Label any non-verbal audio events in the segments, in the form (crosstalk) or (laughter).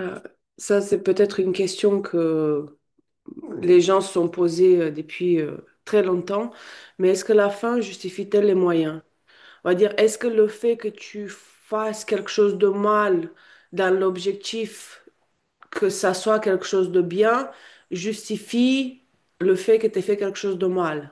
Euh, ça, c'est peut-être une question que les gens se sont posées depuis très longtemps, mais est-ce que la fin justifie-t-elle les moyens? On va dire, est-ce que le fait que tu fasses quelque chose de mal dans l'objectif que ça soit quelque chose de bien justifie le fait que tu aies fait quelque chose de mal?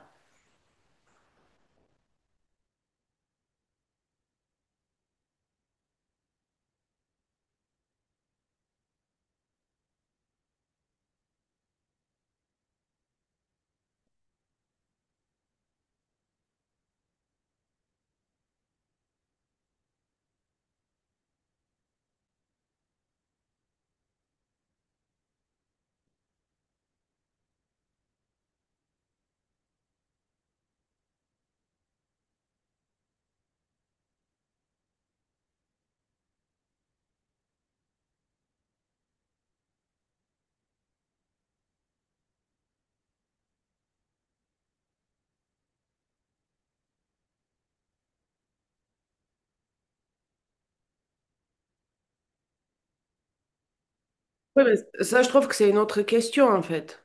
Oui, mais ça, je trouve que c'est une autre question, en fait.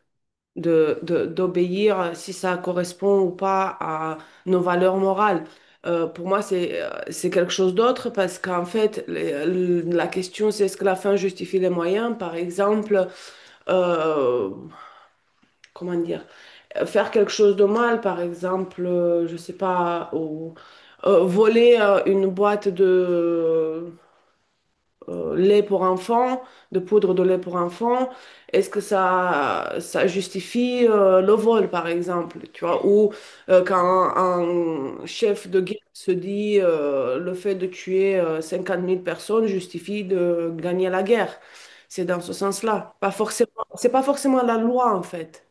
D'obéir, si ça correspond ou pas à nos valeurs morales. Pour moi, c'est quelque chose d'autre parce qu'en fait, la question, c'est est-ce que la fin justifie les moyens? Par exemple, euh, comment dire, faire quelque chose de mal, par exemple, je sais pas, ou voler une boîte de, lait pour enfants, de poudre de lait pour enfants, est-ce que ça justifie le vol, par exemple, tu vois, ou quand un chef de guerre se dit le fait de tuer 50 000 personnes justifie de gagner la guerre. C'est dans ce sens-là. Pas forcément, c'est pas forcément la loi, en fait.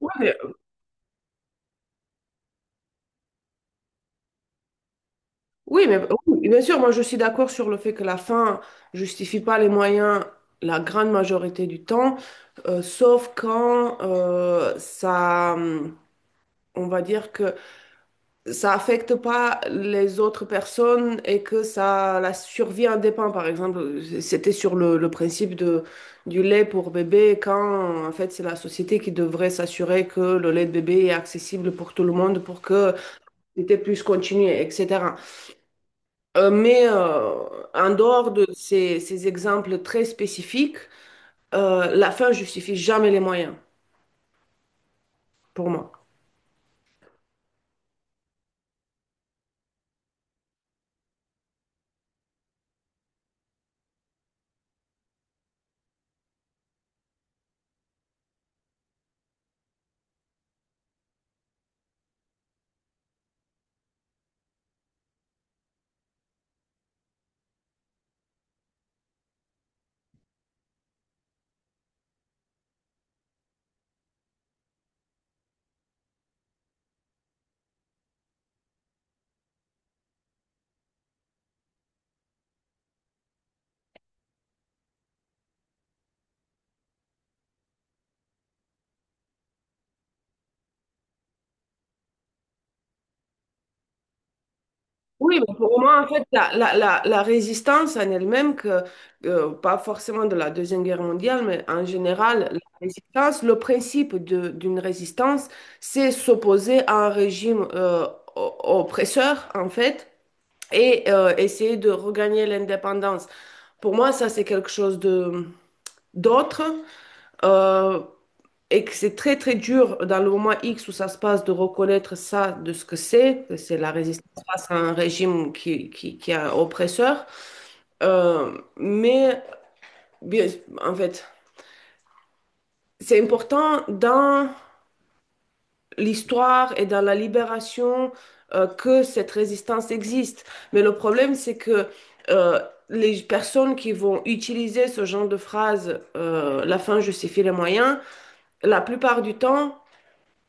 Oui, oui, mais oui, bien sûr, moi je suis d'accord sur le fait que la fin justifie pas les moyens la grande majorité du temps, sauf quand ça, on va dire que ça affecte pas les autres personnes et que ça, la survie en dépend. Par exemple, c'était sur le, le principe du lait pour bébé, quand en fait c'est la société qui devrait s'assurer que le lait de bébé est accessible pour tout le monde pour que c'était puisse continuer, etc. Euh, mais euh, En dehors de ces exemples très spécifiques, la fin justifie jamais les moyens, pour moi. Oui, mais pour moi, en fait, la résistance en elle-même, pas forcément de la Deuxième Guerre mondiale, mais en général, la résistance, le principe d'une résistance, c'est s'opposer à un régime oppresseur, en fait, et essayer de regagner l'indépendance. Pour moi, ça, c'est quelque chose de d'autre. Euh, et que c'est très très dur dans le moment X où ça se passe de reconnaître ça de ce que c'est la résistance face à un régime qui est un oppresseur. Mais bien, en fait, c'est important dans l'histoire et dans la libération que cette résistance existe. Mais le problème, c'est que euh, les personnes qui vont utiliser ce genre de phrase, la fin justifie les moyens, la plupart du temps,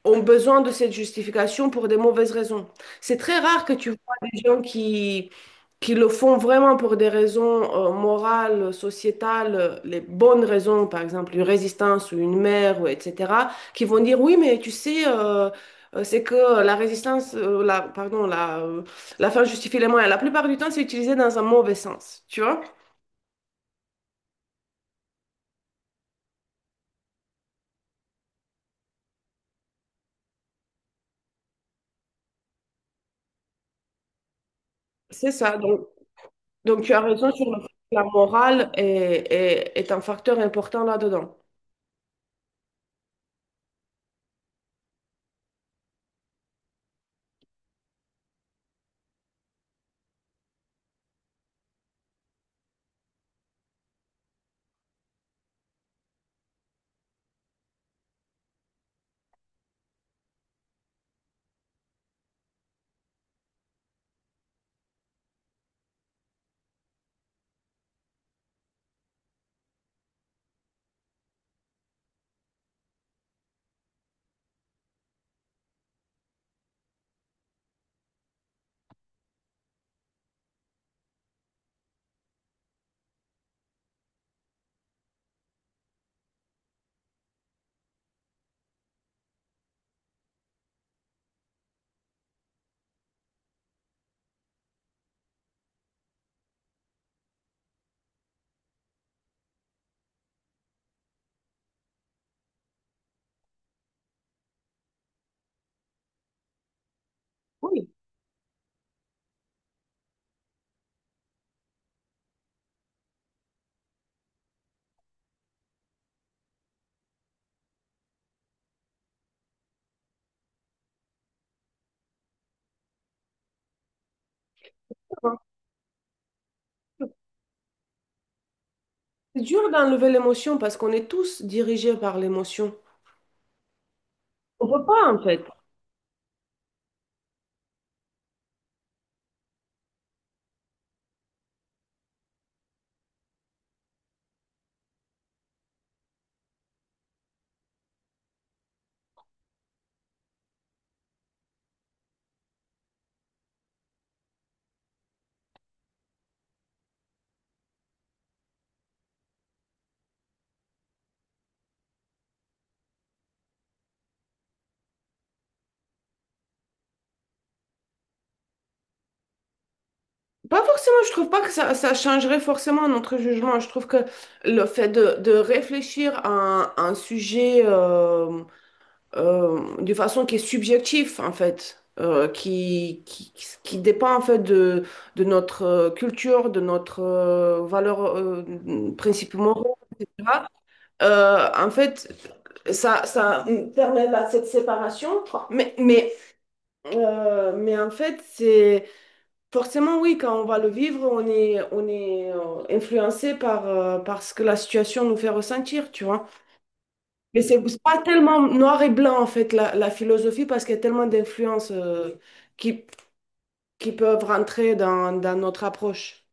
ont besoin de cette justification pour des mauvaises raisons. C'est très rare que tu vois des gens qui le font vraiment pour des raisons morales, sociétales, les bonnes raisons, par exemple une résistance ou une mère, ou etc., qui vont dire oui, mais tu sais, c'est que la résistance, la, pardon, la fin justifie les moyens. La plupart du temps, c'est utilisé dans un mauvais sens, tu vois? C'est ça. Donc, tu as raison sur le fait que la morale est un facteur important là-dedans. Oui. Ça va. C'est dur d'enlever l'émotion parce qu'on est tous dirigés par l'émotion. On peut pas, en fait. Pas forcément, je trouve pas que ça changerait forcément notre jugement. Je trouve que le fait de réfléchir à un sujet de façon qui est subjective, en fait, qui dépend, en fait, de notre culture, de notre valeur, principe moraux, etc. En fait, ça permet cette séparation, mais, mais mais en fait, c'est forcément oui, quand on va le vivre, on est influencé par, par ce que la situation nous fait ressentir, tu vois. Mais c'est pas tellement noir et blanc, en fait, la philosophie, parce qu'il y a tellement d'influences qui, qui peuvent rentrer dans notre approche.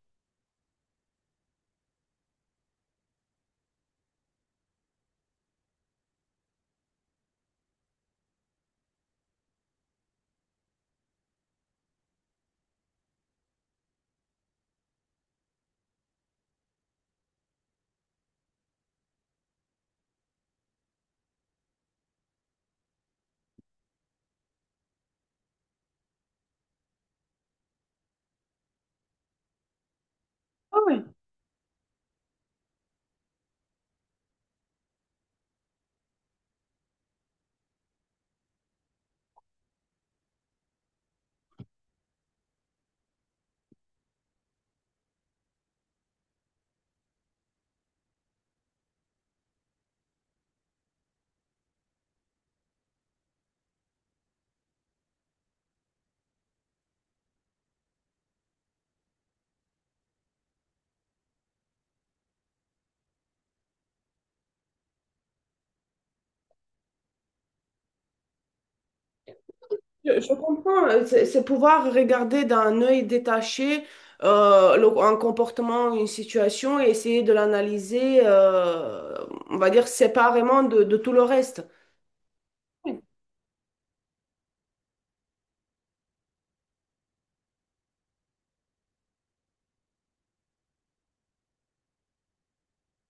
Ah oui, je comprends. C'est pouvoir regarder d'un œil détaché un comportement, une situation et essayer de l'analyser, on va dire, séparément de tout le reste. Oui.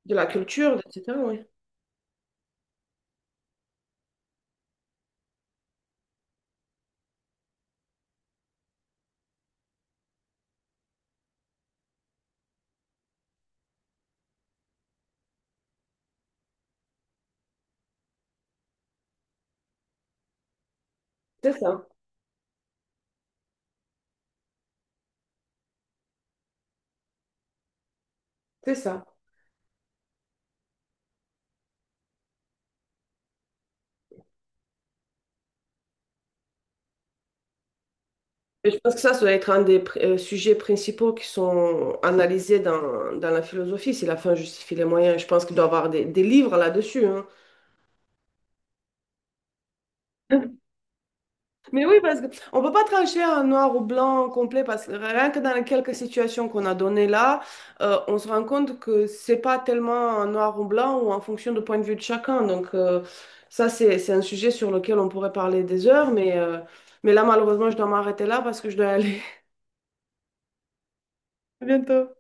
De la culture, etc. Oui, c'est ça, c'est ça. Et je pense que ça doit être un des sujets principaux qui sont analysés dans la philosophie, si la fin justifie les moyens. Je pense qu'il doit y avoir des livres là-dessus, hein. Mais oui, parce qu'on ne peut pas trancher en noir ou blanc complet, parce que rien que dans les quelques situations qu'on a données là, on se rend compte que c'est pas tellement un noir ou blanc ou en fonction du point de vue de chacun. Donc ça, c'est un sujet sur lequel on pourrait parler des heures, mais là, malheureusement, je dois m'arrêter là parce que je dois aller. (laughs) À bientôt.